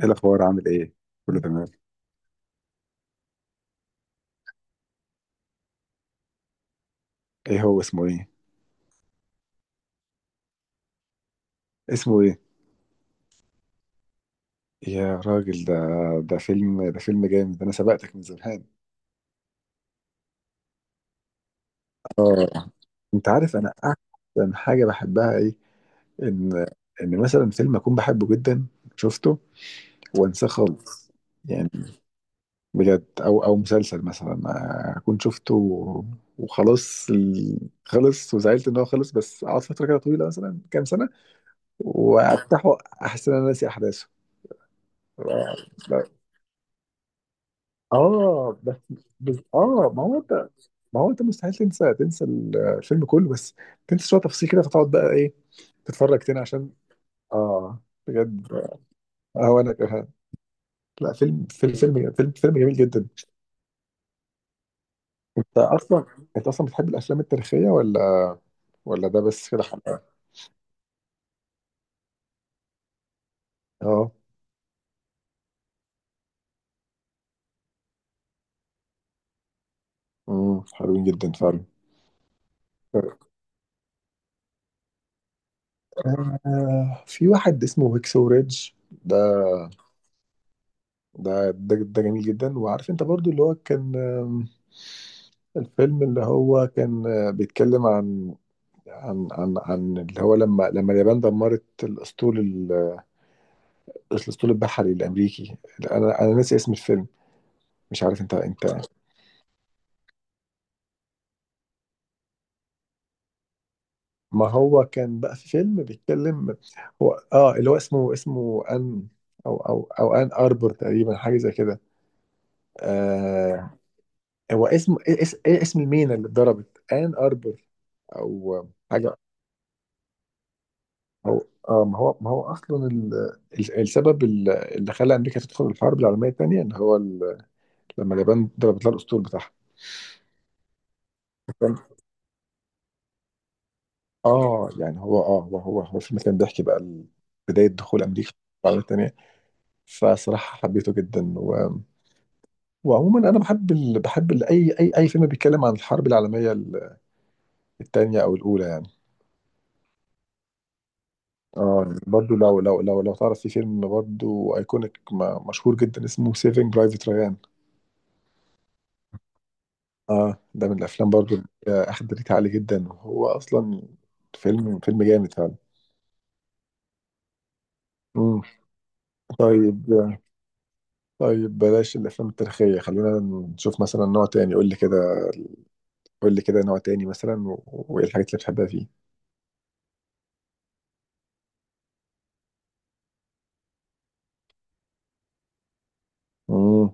ايه الاخبار، عامل ايه؟ كله تمام. ايه هو، اسمه ايه؟ اسمه ايه؟ يا راجل، ده ده فيلم جامد، انا سبقتك من زمان. اه، انت عارف انا احسن حاجه بحبها ايه؟ ان ان مثلا فيلم اكون بحبه جدا، شفته وانساه خالص. يعني بجد، او مسلسل مثلا اكون شفته وخلاص خلص، وزعلت ان هو خلص، بس اقعد فتره كده طويله مثلا كام سنه وافتحه، احس ان انا ناسي احداثه. اه بس. ما هو انت ما هو انت مستحيل تنسى الفيلم كله، بس تنسى شويه تفاصيل كده، فتقعد بقى ايه، تتفرج تاني عشان. اه بجد، اه انا كمان. لا، فيلم جميل جدا. انت اصلا انت اصلا بتحب الافلام التاريخيه، ولا ولا ده بس كده حلقه؟ اه. امم، حلوين جدا فعلا. آه، في واحد اسمه هيكسو ريدج. ده جميل جدا. وعارف انت برضو اللي هو كان الفيلم اللي هو كان بيتكلم عن اللي هو لما اليابان دمرت الاسطول البحري الامريكي؟ انا ناسي اسم الفيلم، مش عارف انت ما هو كان بقى في فيلم بيتكلم، هو اه اللي هو اسمه ان، او ان اربور تقريبا، حاجه زي كده. آه، هو اسم ايه إيه اسم المينا اللي اتضربت؟ ان اربور او حاجه. هو اه، ما هو اصلا السبب اللي خلى امريكا تدخل الحرب العالميه الثانيه ان هو لما اليابان ضربت لها الاسطول بتاعها. فاهم؟ اه، يعني هو اه هو هو هو الفيلم كان بيحكي بقى بدايه دخول امريكا الحرب العالميه الثانيه. فصراحه حبيته جدا، وعموما انا بحب ال... بحب ال... اي اي اي فيلم بيتكلم عن الحرب العالميه الثانيه او الاولى يعني. اه برضه، لو تعرف في فيلم برضه ايكونيك مشهور جدا اسمه سيفنج برايفت ريان. اه، ده من الافلام برضو اللي اخد ريت عالي جدا، وهو اصلا فيلم جامد فعلا. مم. طيب، طيب بلاش الافلام التاريخيه، خلينا نشوف مثلا نوع تاني. قول لي كده، قول لي كده نوع تاني مثلا، وايه الحاجات اللي بتحبها فيه؟ مم.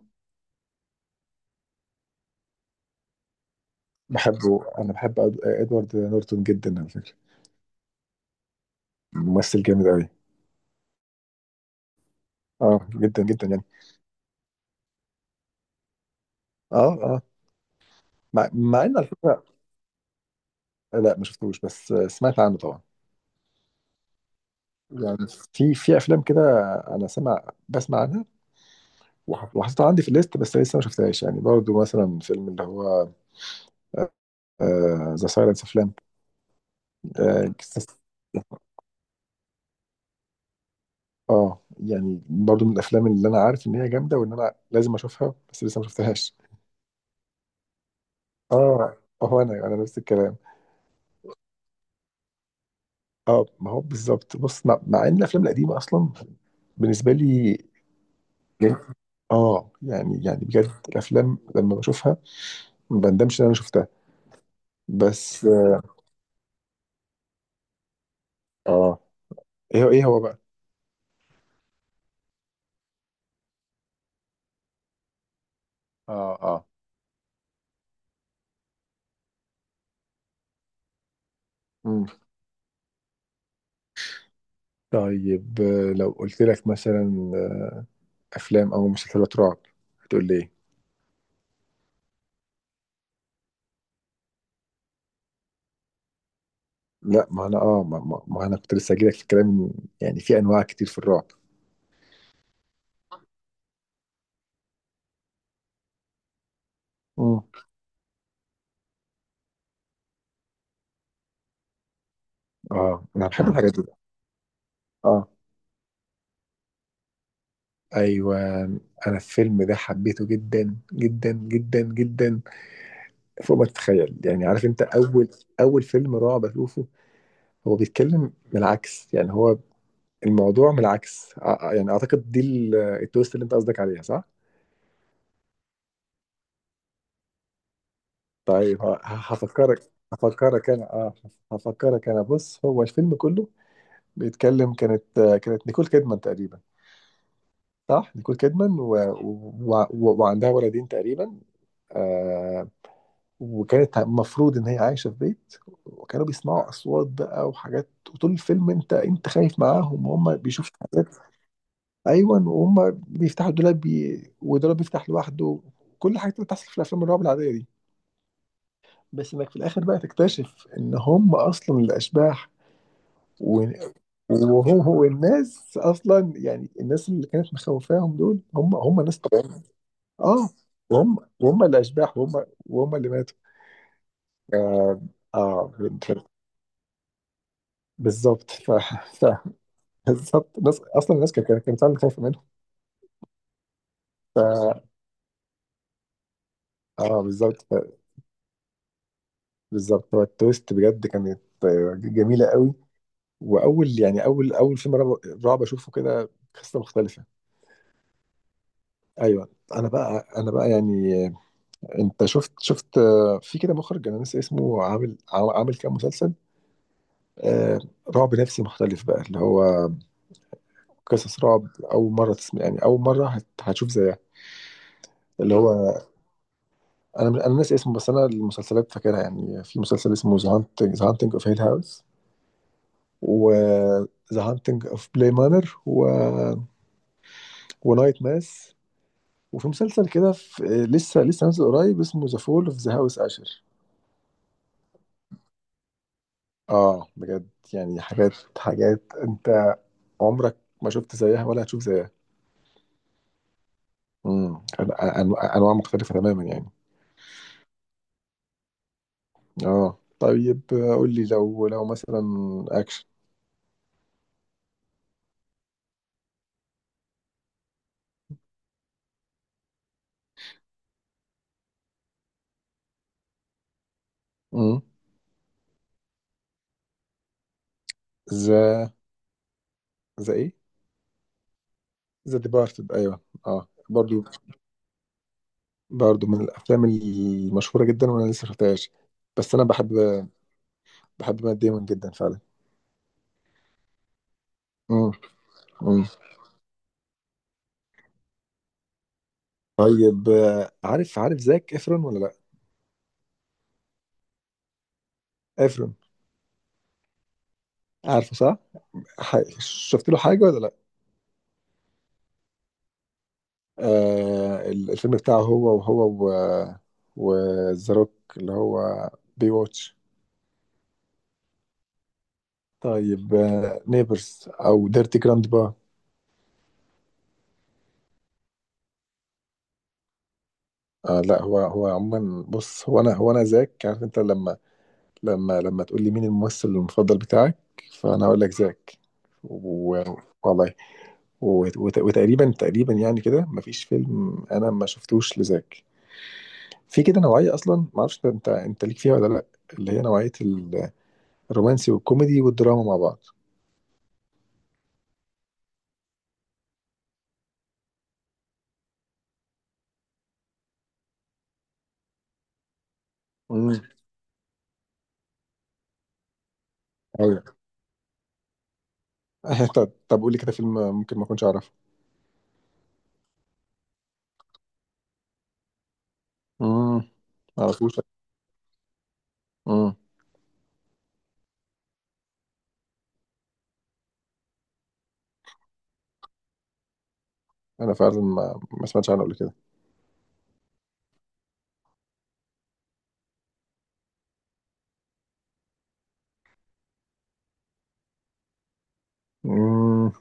بحبه، انا بحب ادوارد نورتون جدا على فكره، ممثل جامد قوي. اه جدا جدا يعني. اه اه، مع ان على فكره، لا ما شفتوش، بس سمعت عنه طبعا. يعني في في افلام كده انا سمع بسمع عنها وحطيتها عندي في الليست، بس لسه ما شفتهاش. يعني برضو مثلا فيلم اللي هو ذا سايلنس اوف لام، اه The Silence of Lamb. آه، آه، يعني برضو من الافلام اللي انا عارف ان هي جامده، وان انا لازم اشوفها، بس لسه ما شفتهاش. اه، هو انا نفس الكلام. اه، ما هو بالظبط. بص، مع ان الافلام القديمه اصلا بالنسبه لي، اه يعني بجد الافلام لما بشوفها ما بندمش ان انا شفتها. بس. اه. ايه هو بقى؟ اه اه. مم. طيب، لو قلت لك مثلا افلام او مسلسلات رعب، هتقول لي ايه؟ لا، ما انا اه ما انا كنت لسه هجيلك في الكلام، يعني في انواع كتير في الرعب. مم. اه، انا بحب الحاجات دي. اه ايوه، انا الفيلم ده حبيته جدا فوق ما تتخيل. يعني عارف انت، اول فيلم رعب اشوفه، هو بيتكلم من العكس. يعني هو الموضوع من العكس، يعني اعتقد دي التويست اللي انت قصدك عليها، صح؟ طيب هفكرك انا، اه، هفكرك انا. بص، هو الفيلم كله بيتكلم، كانت نيكول كيدمان تقريبا، صح؟ نيكول كيدمان وعندها ولدين تقريبا. آه، وكانت المفروض ان هي عايشه في بيت، وكانوا بيسمعوا اصوات بقى وحاجات، وطول الفيلم انت خايف معاهم، وهم بيشوفوا حاجات. ايوه، وهم بيفتحوا الدولاب بي... والدولاب بيفتح لوحده، كل الحاجات اللي بتحصل في الافلام الرعب العاديه دي. بس انك في الاخر بقى تكتشف ان هم اصلا الاشباح. و- وهو والناس اصلا، يعني الناس اللي كانت مخوفاهم دول هم ناس طبيعيين. اه، وهم الاشباح، وهم اللي ماتوا. اه, آه. ف-، بالظبط. ف...، ف...، بالظبط، ناس اصلا الناس كانت فعلا خايفه منهم. ف...، اه بالظبط. ف...، بالظبط، هو التويست بجد كانت آه، جميله قوي. واول يعني اول فيلم رعب اشوفه كده قصه مختلفه. ايوه. انا بقى، يعني انت شفت آه، في كده مخرج انا ناسي اسمه، عامل عامل كام مسلسل آه، رعب نفسي مختلف بقى، اللي هو قصص رعب اول مره تسمع، يعني اول مره هتشوف زيها. اللي هو انا ناسي اسمه، بس انا المسلسلات فاكرها. يعني في مسلسل اسمه ذا هانتنج، ذا هانتنج اوف هيل هاوس، وذا هانتنج اوف بلاي مانر، ونايت ماس، وفي مسلسل كده لسه نازل قريب اسمه ذا فول اوف ذا هاوس اشر. اه بجد، يعني حاجات انت عمرك ما شفت زيها ولا هتشوف زيها. امم. انواع مختلفه تماما يعني. اه طيب، قول لي لو مثلا اكشن. امم. ذا، ذا ايه ذا ديبارتد، ايوه. اه برضو، برضو من الافلام المشهوره جدا وانا لسه شفتهاش، بس انا بحب، بحب مات ديمون جدا فعلا. امم. امم. طيب، عارف، عارف زاك افرون ولا لا؟ افرون. عارفه، صح؟ شفت له حاجه ولا لا؟ آه، الفيلم بتاعه هو، و وذا اللي هو بي واتش؟ طيب، آه، نيبرز او ديرتي جراند با؟ آه لا، هو عموما بص، هو انا هو انا زاك، عارف انت لما لما تقول لي مين الممثل المفضل بتاعك، فانا اقول لك زاك. و- والله، وتقريبا يعني كده مفيش فيلم انا ما شفتوش لزاك. في كده نوعيه اصلا ما اعرفش انت ليك فيها ولا لا، اللي هي نوعيه الرومانسي والكوميدي والدراما مع بعض. امم. ايوه. طب، طب قولي كده فيلم ممكن ما اكونش اعرفه. امم. ما اعرفوش. امم. انا فعلا ما سمعتش عنه قبل كده. امم.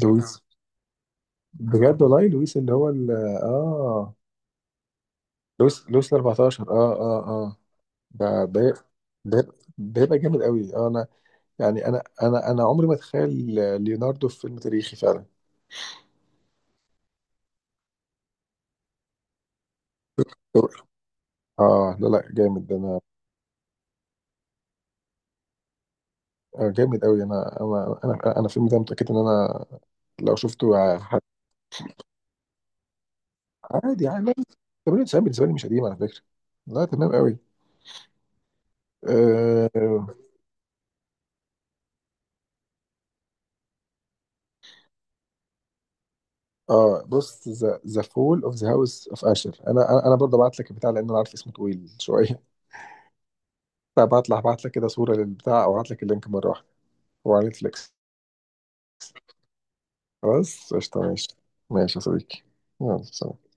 لويس، بجد والله، لويس اللي هو ال، اه. لويس، لويس ال 14. اه اه اه. ده ده ده ده يبقى جامد قوي. آه انا يعني، انا عمري ما اتخيل ليوناردو في فيلم تاريخي فعلا. اه لا لا، جامد ده انا. آه، جامد قوي. انا الفيلم ده متاكد ان انا لو شفته. عادي لا، 98 بالنسبه لي مش قديم على فكره. لا تمام قوي. اه, آه. بص، ذا فول اوف ذا هاوس اوف اشر، انا انا أنا برضه ابعت لك البتاع، لان انا عارف اسمه طويل شويه. فابعت لك، ابعت لك كده صوره للبتاع، او ابعت لك اللينك مره واحده، هو على نتفليكس. خلاص قشطه، ماشي. ماشي يا صديقي، يلا سلام.